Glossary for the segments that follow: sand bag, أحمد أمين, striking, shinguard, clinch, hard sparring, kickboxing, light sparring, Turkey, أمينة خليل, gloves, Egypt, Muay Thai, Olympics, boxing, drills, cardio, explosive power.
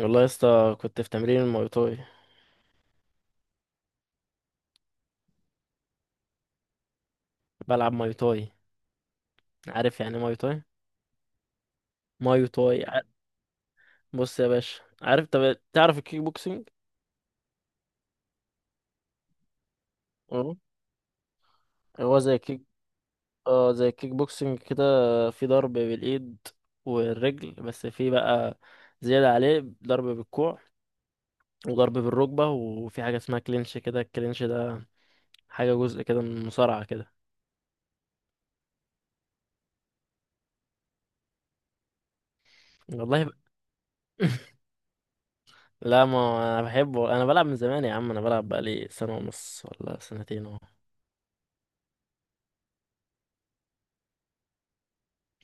والله يا اسطى، كنت في تمرين الماي تاي. بلعب ماي تاي. عارف يعني إيه ماي تاي؟ ماي تاي ع- بص يا باشا، عارف؟ طب تعرف الكيك بوكسينج؟ اه، هو زي الكيك. اه، زي الكيك بوكسينج كده. في ضرب بالايد والرجل بس، في بقى زيادة عليه ضرب بالكوع وضرب بالركبة. وفي حاجة اسمها كلينش كده، الكلينش ده حاجة جزء كده من المصارعة كده. والله ب... لا، ما هو انا بحبه. انا بلعب من زمان يا عم. انا بلعب بقالي سنة ونص ولا سنتين اهو.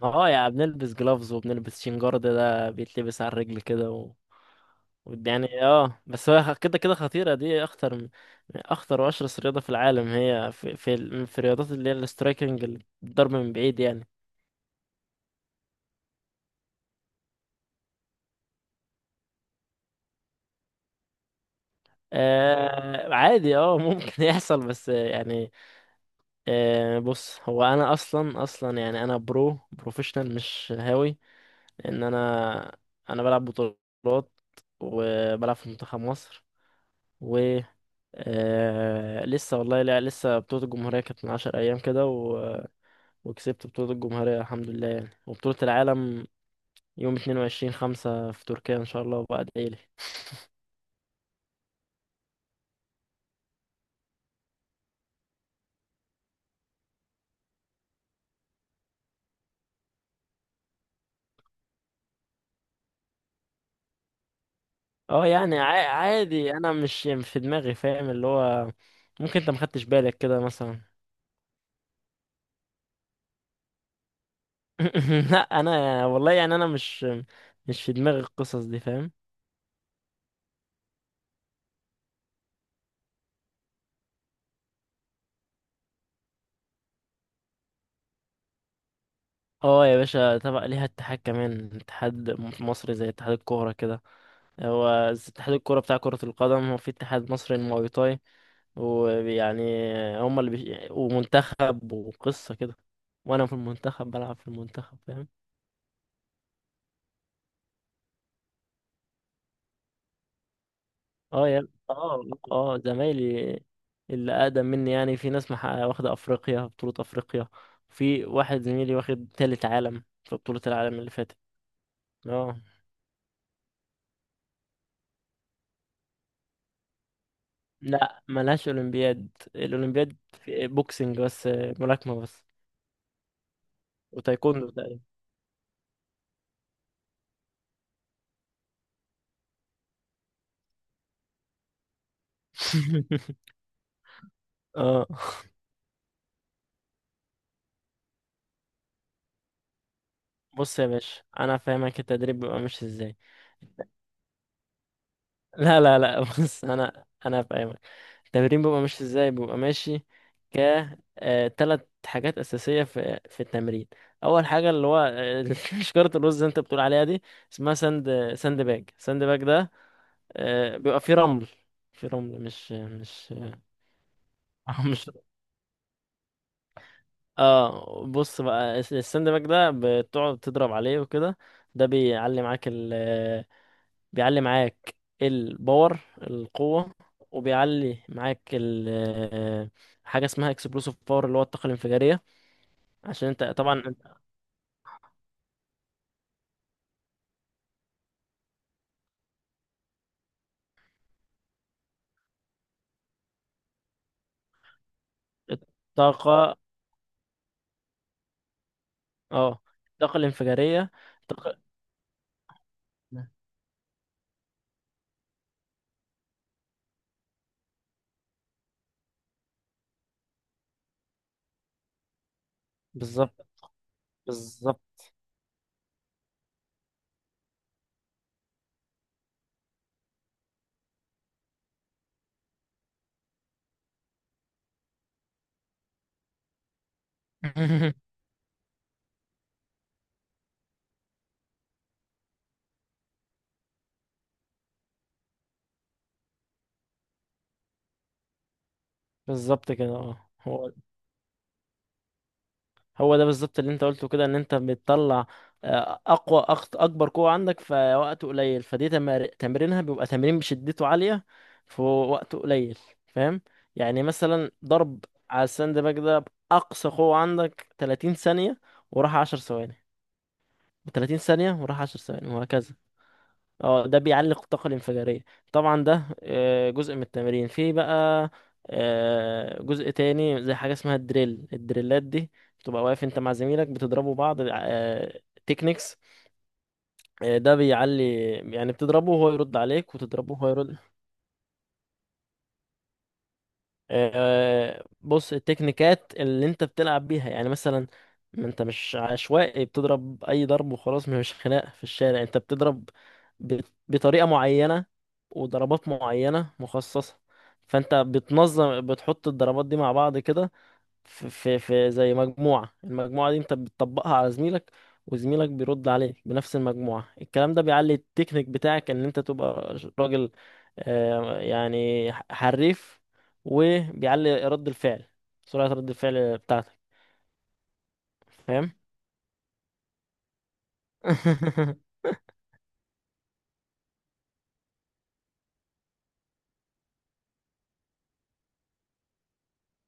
اه يعني، بنلبس جلافز، وبنلبس شنجارد ده بيتلبس على الرجل يعني. اه بس هو كده كده خطيرة، دي اخطر من، اخطر واشرس رياضة في العالم. هي في، في الرياضات اللي هي السترايكنج، الضرب من بعيد يعني. آه عادي، اه ممكن يحصل، بس يعني آه. بص، هو انا اصلا يعني، انا بروفيشنال، مش هاوي. لان انا، انا بلعب بطولات، وبلعب في منتخب مصر. آه لسه، والله لا، لسه بطولة الجمهورية كانت من عشر أيام وكسبت بطولة الجمهورية الحمد لله يعني. وبطولة العالم يوم اتنين وعشرين خمسة في تركيا إن شاء الله، وبعد إيلي. عادي، أنا مش في دماغي، فاهم؟ اللي هو ممكن أنت مخدتش بالك كده مثلا. لا أنا والله يعني، أنا مش في دماغي القصص دي، فاهم؟ اه يا باشا، تبع ليها اتحاد كمان، اتحاد مصري زي اتحاد الكورة كده. هو اتحاد الكرة بتاع كرة القدم، هو في اتحاد مصري للمواي تاي، ويعني هما ومنتخب وقصة كده. وانا في المنتخب، بلعب في المنتخب، فاهم؟ اه يا اه اه زمايلي اللي اقدم مني يعني، في ناس محققة، واخدة افريقيا، بطولة افريقيا. في واحد زميلي واخد تالت عالم في بطولة العالم اللي فاتت. اه. لا ملهاش اولمبياد، الاولمبياد في بوكسنج بس، ملاكمة بس، وتايكوندو تقريبا. اه بص يا باشا، انا فاهمك، التدريب بيبقى ماشي ازاي. لا لا لا، بص، انا انا فاهمك، التمرين بيبقى ماشي ازاي، بيبقى ماشي. ك تلات حاجات اساسيه في التمرين. اول حاجه اللي هو شجره الرز اللي انت بتقول عليها دي، اسمها ساند، ساند باج ده بيبقى فيه رمل. في رمل، مش مش. اه، بص بقى الساند باج ده، بتقعد تضرب عليه وكده. ده بيعلي معاك الباور، القوة. وبيعلي معاك ال، آه، حاجة اسمها اكسبلوسيف باور، اللي هو الطاقة الانفجارية. عشان انت طبعا الطاقة، اه الطاقة الانفجارية، الطاقة. بالظبط، بالظبط. بالظبط كده. اه، هو ده بالظبط اللي انت قلته كده، ان انت بتطلع اكبر قوة عندك في وقت قليل. تمرينها بيبقى تمرين بشدته عالية في وقت قليل، فاهم؟ يعني مثلا، ضرب على الساند باج ده بأقصى قوة عندك 30 ثانية، وراح 10 ثواني، 30 ثانية وراح 10 ثواني، وهكذا. اه ده بيعلق الطاقة الانفجارية. طبعا ده جزء من التمرين. في بقى جزء تاني، زي حاجة اسمها الدريل، الدريلات دي بتبقى واقف انت مع زميلك بتضربوا بعض، تكنيكس. ده بيعلي، يعني بتضربه وهو يرد عليك، وتضربه وهو يرد. بص، التكنيكات اللي انت بتلعب بيها يعني، مثلا، ما انت مش عشوائي بتضرب اي ضرب وخلاص، مش خناق في الشارع. انت بتضرب ب- بطريقة معينة، وضربات معينة مخصصة. فانت بتنظم، بتحط الضربات دي مع بعض كده، في زي مجموعة. المجموعة دي انت بتطبقها على زميلك، وزميلك بيرد عليك بنفس المجموعة. الكلام ده بيعلي التكنيك بتاعك، ان انت تبقى راجل يعني حريف. وبيعلي رد الفعل، سرعة رد الفعل بتاعتك. فاهم؟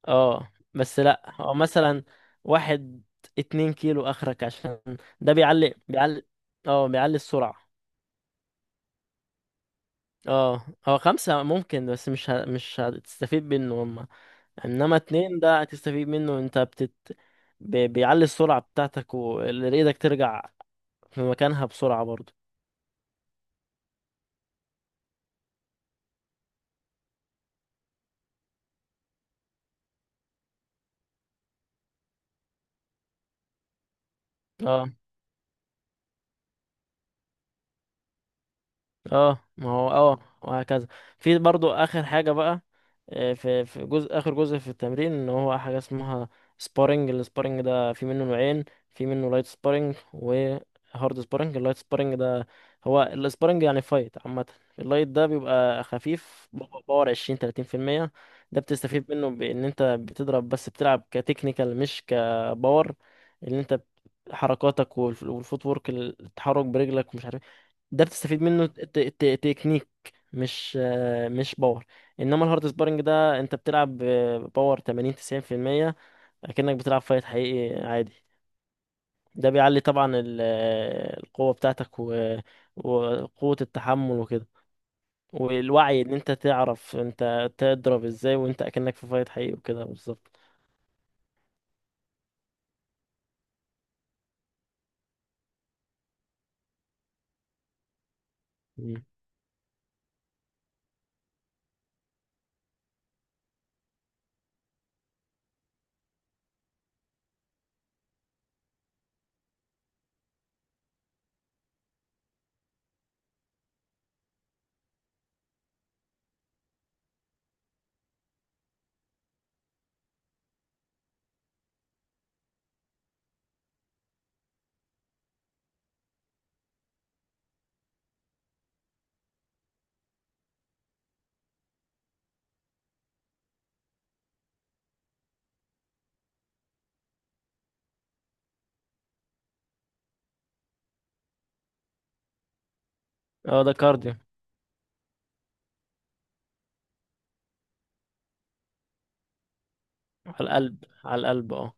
اه بس لا، هو مثلا، واحد اتنين كيلو اخرك، عشان ده بيعلي. اه بيعلي السرعة. اه هو خمسة ممكن، بس مش ه... مش هتستفيد منه هما. انما اتنين ده هتستفيد منه، انت بيعلي السرعة بتاعتك، اللي ايدك ترجع في مكانها بسرعة برضه. اه ما هو اه، وهكذا. في برضو اخر حاجه بقى، في جزء اخر، جزء في التمرين، ان هو حاجه اسمها سبارنج. السبارنج ده في منه نوعين، في منه لايت سبارنج وهارد سبارنج. اللايت سبارنج ده، هو السبارنج يعني فايت عامه. اللايت ده بيبقى خفيف، باور 20، 30%. ده بتستفيد منه بان انت بتضرب، بس بتلعب كتكنيكال مش كباور، ان انت حركاتك والفوت وورك، التحرك برجلك ومش عارف. ده بتستفيد منه تكنيك، مش مش باور. انما الهارد سبارنج ده، انت بتلعب باور 80، 90%، اكنك بتلعب فايت حقيقي عادي. ده بيعلي طبعا القوة بتاعتك، وقوة التحمل وكده. والوعي ان انت تعرف انت تضرب ازاي، وانت اكنك في فايت حقيقي وكده بالظبط. مم. اه ده كارديو، على القلب، على القلب اه.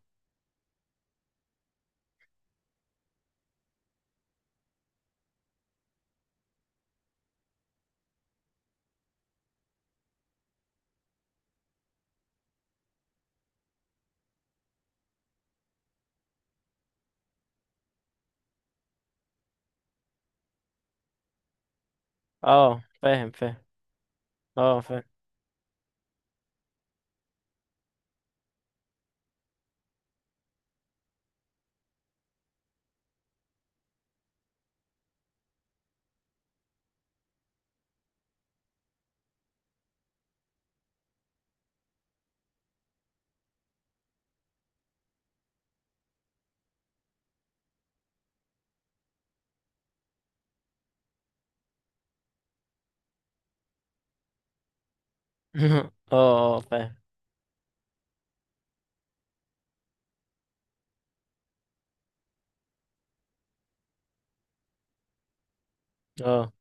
اه فاهم، فاهم. اه فاهم. اه، اه فاهم. اه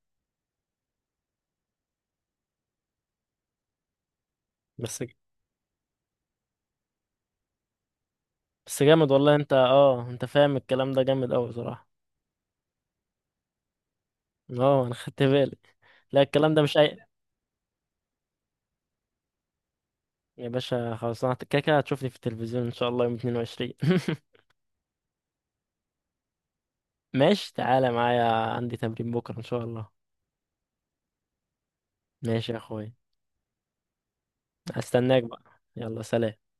بس بس جامد والله، انت اه انت فاهم الكلام ده جامد اوي صراحة. اه انا خدت بالي. لا الكلام ده مش اي، يا باشا خلاص، انا كده كده هتشوفني في التلفزيون ان شاء الله يوم 22. ماشي تعالى معايا، عندي تمرين بكرة ان شاء الله. ماشي يا اخوي. استناك بقى، يلا سلام.